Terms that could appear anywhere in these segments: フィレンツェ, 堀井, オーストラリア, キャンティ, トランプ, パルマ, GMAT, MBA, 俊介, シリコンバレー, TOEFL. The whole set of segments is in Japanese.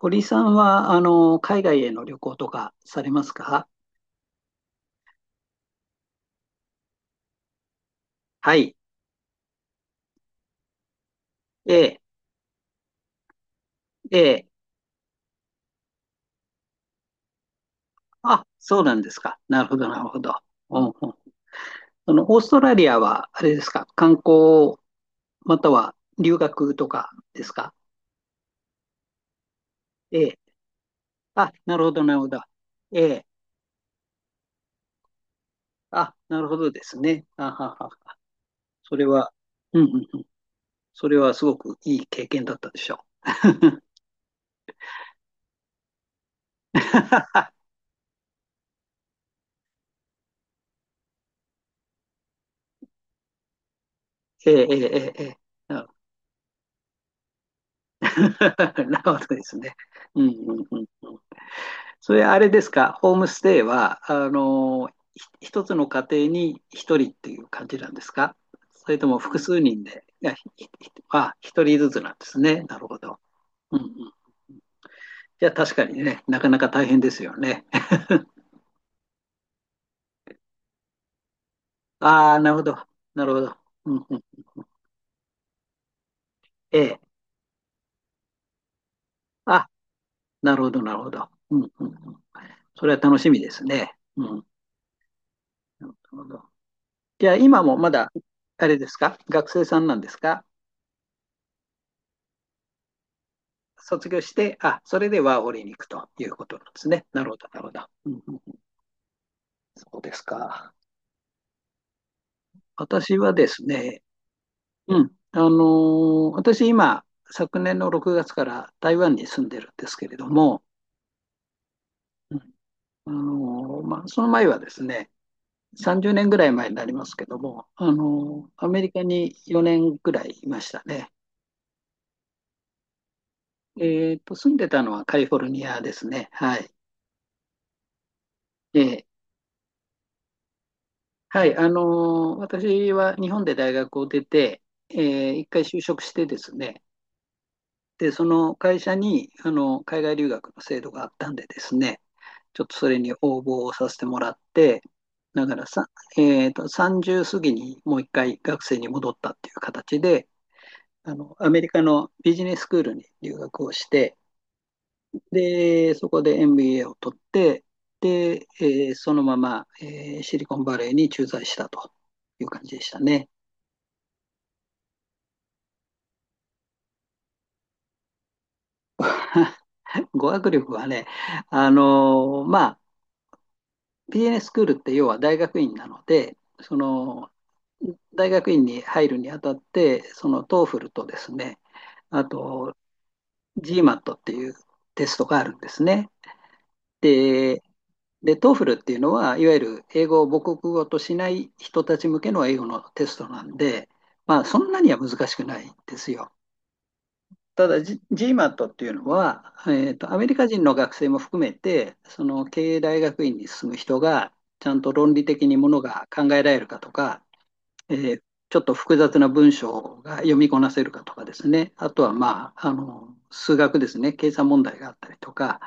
堀井さんは、海外への旅行とかされますか？はい。ええ、ええ。あ、そうなんですか。なるほど、なるほど。うんうん、その、オーストラリアは、あれですか、観光、または留学とかですか？ええ。あ、なるほど、なるほど。ええ。あ、なるほどですね。あははは。それは、うんうんうん。それはすごくいい経験だったでしょう。ええ、ええ、ええ。ええ なるほどですね。うんうんうん。それあれですか、ホームステイは、一つの家庭に一人っていう感じなんですか？それとも複数人で、いや、ひひ、あ、一人ずつなんですね。なるほど。うんうん。じゃあ確かにね、なかなか大変ですよね。ああ、なるほど。なるほど。うんうん。ええ。あ、なるほど、なるほど。うんうんうん。それは楽しみですね。うん。なるほど。じゃあ今もまだ、あれですか学生さんなんですか？卒業して、あ、それでワーホリに行くということなんですね。なるほど、なるほど。うんうん、そうですか。私はですね、うん、私今、昨年の6月から台湾に住んでるんですけれども、うん、まあ、その前はですね、30年ぐらい前になりますけども、アメリカに4年ぐらいいましたね。住んでたのはカリフォルニアですね。はい。ええ、はい、私は日本で大学を出て、え一回就職してですね、で、その会社に、あの、海外留学の制度があったんでですね、ちょっとそれに応募をさせてもらって、だからさ、30過ぎにもう一回学生に戻ったっていう形で、あの、アメリカのビジネススクールに留学をして、で、そこで MBA を取って、で、そのまま、シリコンバレーに駐在したという感じでしたね。語学力はね、まあ、p s ススクールって要は大学院なので、その大学院に入るにあたって、その TOEFL とですね、あと GMAT っていうテストがあるんですね。で、で、TOEFL っていうのは、いわゆる英語を母国語としない人たち向けの英語のテストなんで、まあ、そんなには難しくないんですよ。ただ、ジー m a t っていうのは、アメリカ人の学生も含めて、その経営大学院に進む人が、ちゃんと論理的にものが考えられるかとか、えーちょっと複雑な文章が読みこなせるかとかですね、あとは、まあ、あの数学ですね、計算問題があったりとか、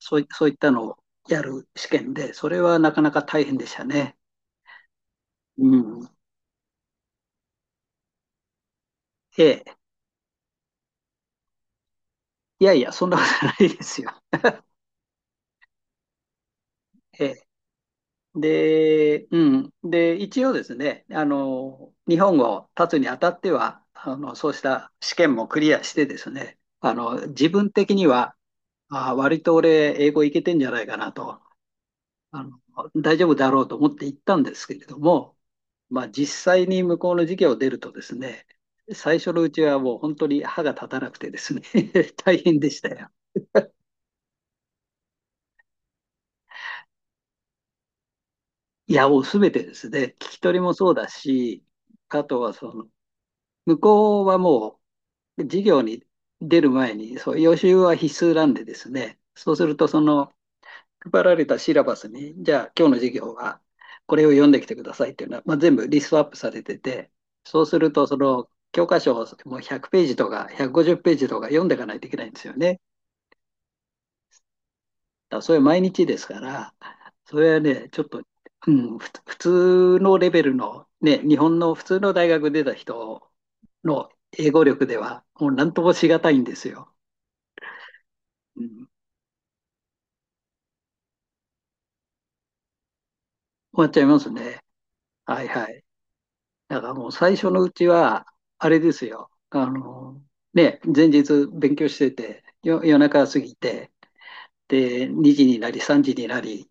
そういったのをやる試験で、それはなかなか大変でしたね。うん、えーいやいや、そんなことないですよ。えーで、うん。で、一応ですね、あの、日本語を立つにあたっては、あの、そうした試験もクリアしてですね、あの、自分的には、あ、割と俺、英語いけてんじゃないかなと、あの、大丈夫だろうと思って行ったんですけれども、まあ、実際に向こうの授業を出るとですね、最初のうちはもう本当に歯が立たなくてですね、 大変でしたよ。いや、もうすべてですね、聞き取りもそうだし、あとはその、向こうはもう、で授業に出る前に、そう、予習は必須なんでですね、そうすると、その、配られたシラバスに、じゃあ、今日の授業は、これを読んできてくださいっていうのは、まあ、全部リストアップされてて、そうすると、その、教科書をもう100ページとか、150ページとか読んでいかないといけないんですよね。だからそれは毎日ですから、それはね、ちょっと、うん、普通のレベルの、ね、日本の普通の大学出た人の英語力では、もう何ともしがたいんですよ。うん、終わっちゃいますね。はいはい。だからもう最初のうちは、あれですよ。あの、ね、前日勉強してて、夜中過ぎて、で、2時になり、3時になり、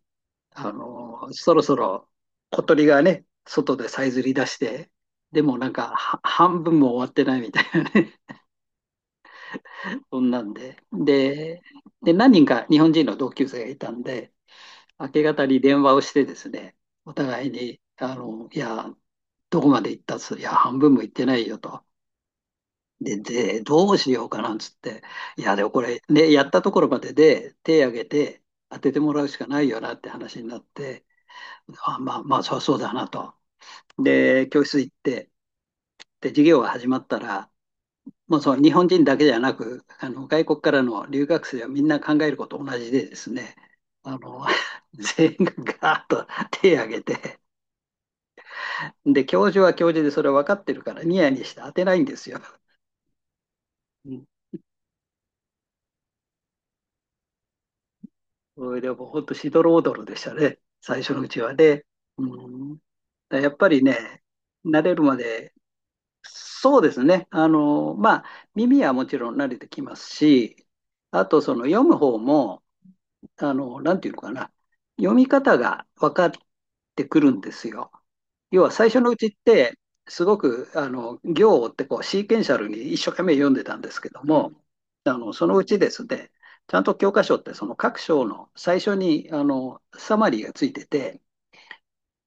あの、そろそろ小鳥がね、外でさえずり出して、でもなんかは半分も終わってないみたいなね、そんなんで。で、何人か日本人の同級生がいたんで、明け方に電話をしてですね、お互いに、あの、いや、どこまで行ったっついや、半分も行ってないよと。で、どうしようかなんつって、いや、でもこれ、ね、やったところまでで手挙げて当ててもらうしかないよなって話になって、あ、まあまあ、そうそうだなと。で、教室行って、で、授業が始まったら、もうその日本人だけじゃなく、あの外国からの留学生はみんな考えること同じでですね、あの、 全員がガーッと手挙げて、で、教授は教授でそれ分かってるからニヤにして当てないんですよ。うん、でも本当しどろおどろでしたね、最初のうちはね。うん、だからやっぱりね、慣れるまで、そうですね、あの、まあ、耳はもちろん慣れてきますし、あとその読む方も、あの、なんていうのかな、読み方が分かってくるんですよ。要は最初のうちってすごくあの行を追ってこうシーケンシャルに一生懸命読んでたんですけども、あのそのうちですね、ちゃんと教科書ってその各章の最初にあのサマリーがついてて、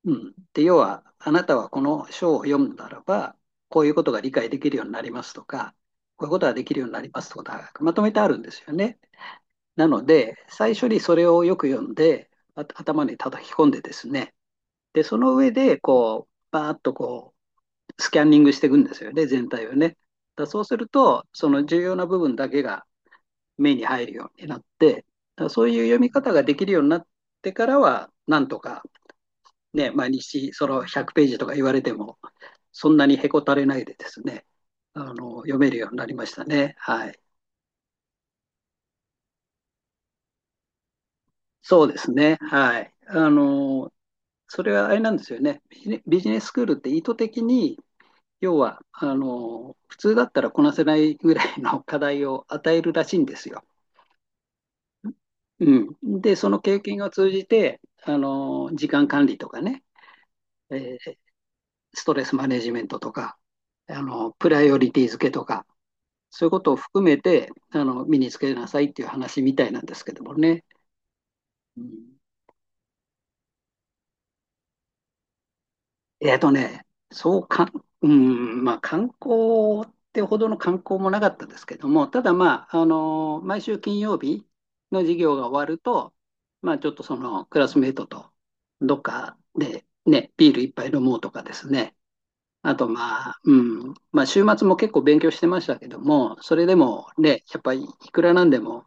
うん、で要はあなたはこの章を読むならばこういうことが理解できるようになりますとか、こういうことができるようになりますとかまとめてあるんですよね。なので最初にそれをよく読んで、あ、頭に叩き込んでですね、で、その上で、こう、バーッとこう、スキャンニングしていくんですよね、全体をね。だそうすると、その重要な部分だけが目に入るようになって、だそういう読み方ができるようになってからは、なんとか、ね、毎日その100ページとか言われても、そんなにへこたれないでですね、あの、読めるようになりましたね。はい。そうですね。はい。あの、それはあれなんですよね。ビジネススクールって意図的に要はあの普通だったらこなせないぐらいの課題を与えるらしいんですよ。うん、でその経験を通じてあの時間管理とかね、えーストレスマネジメントとか、あのプライオリティ付けとか、そういうことを含めてあの身につけなさいっていう話みたいなんですけどもね。うん、えっとね、そうかん、うん、まあ観光ってほどの観光もなかったですけども、ただまあ、あの毎週金曜日の授業が終わると、まあちょっとそのクラスメートとどっかでね、ビール一杯飲もうとかですね。あとまあ、うん、まあ週末も結構勉強してましたけども、それでもね、やっぱりいくらなんでも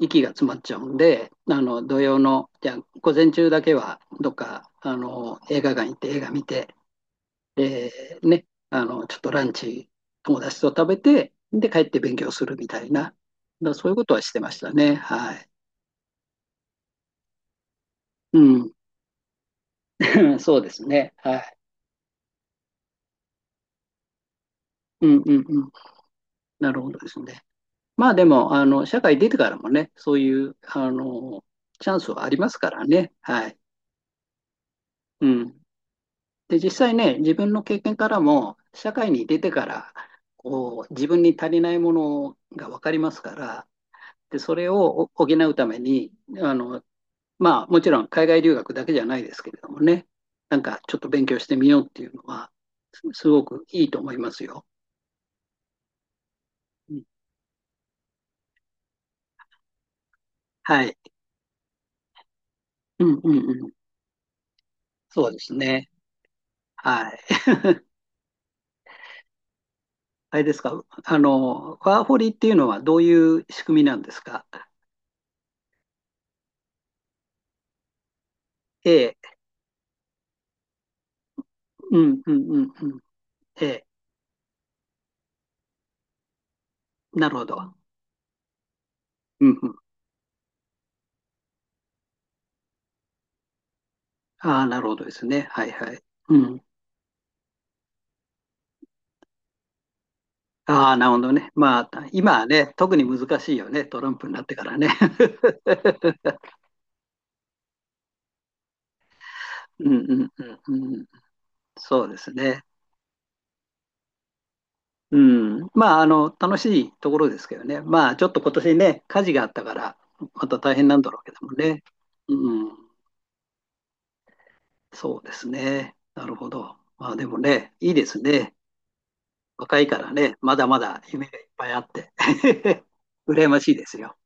息が詰まっちゃうんで、あの土曜の、じゃあ午前中だけはどっかあの映画館行って映画見て、ね、あの、ちょっとランチ、友達と食べて、で、帰って勉強するみたいな、だからそういうことはしてましたね。はい。うん、そうですね。はい。うんうんうん。なるほどですね。まあでも、あの、社会出てからもね、そういう、あの、チャンスはありますからね。はい。うん。で、実際ね、自分の経験からも、社会に出てから、こう、自分に足りないものが分かりますから、で、それを補うために、あの、まあもちろん海外留学だけじゃないですけれどもね、なんかちょっと勉強してみようっていうのは、すごくいいと思いますよ。うん、はい。うんうんうん。そうですね。はい。あれですか、あの、ワーホリっていうのはどういう仕組みなんですか？ええ、うんうんうんうん。ええ、なるほど。うんうん。ああ、なるほどですね。はいはい。うん。ああ、なるほどね。まあ、今はね、特に難しいよね、トランプになってからね。うんうんうんうん。そうですね。うん。まあ、あの、楽しいところですけどね。まあ、ちょっと今年ね、火事があったから、また大変なんだろうけどもね。うん。そうですね。なるほど。まあ、でもね、いいですね。若いからね、まだまだ夢がいっぱいあって、羨ましいですよ。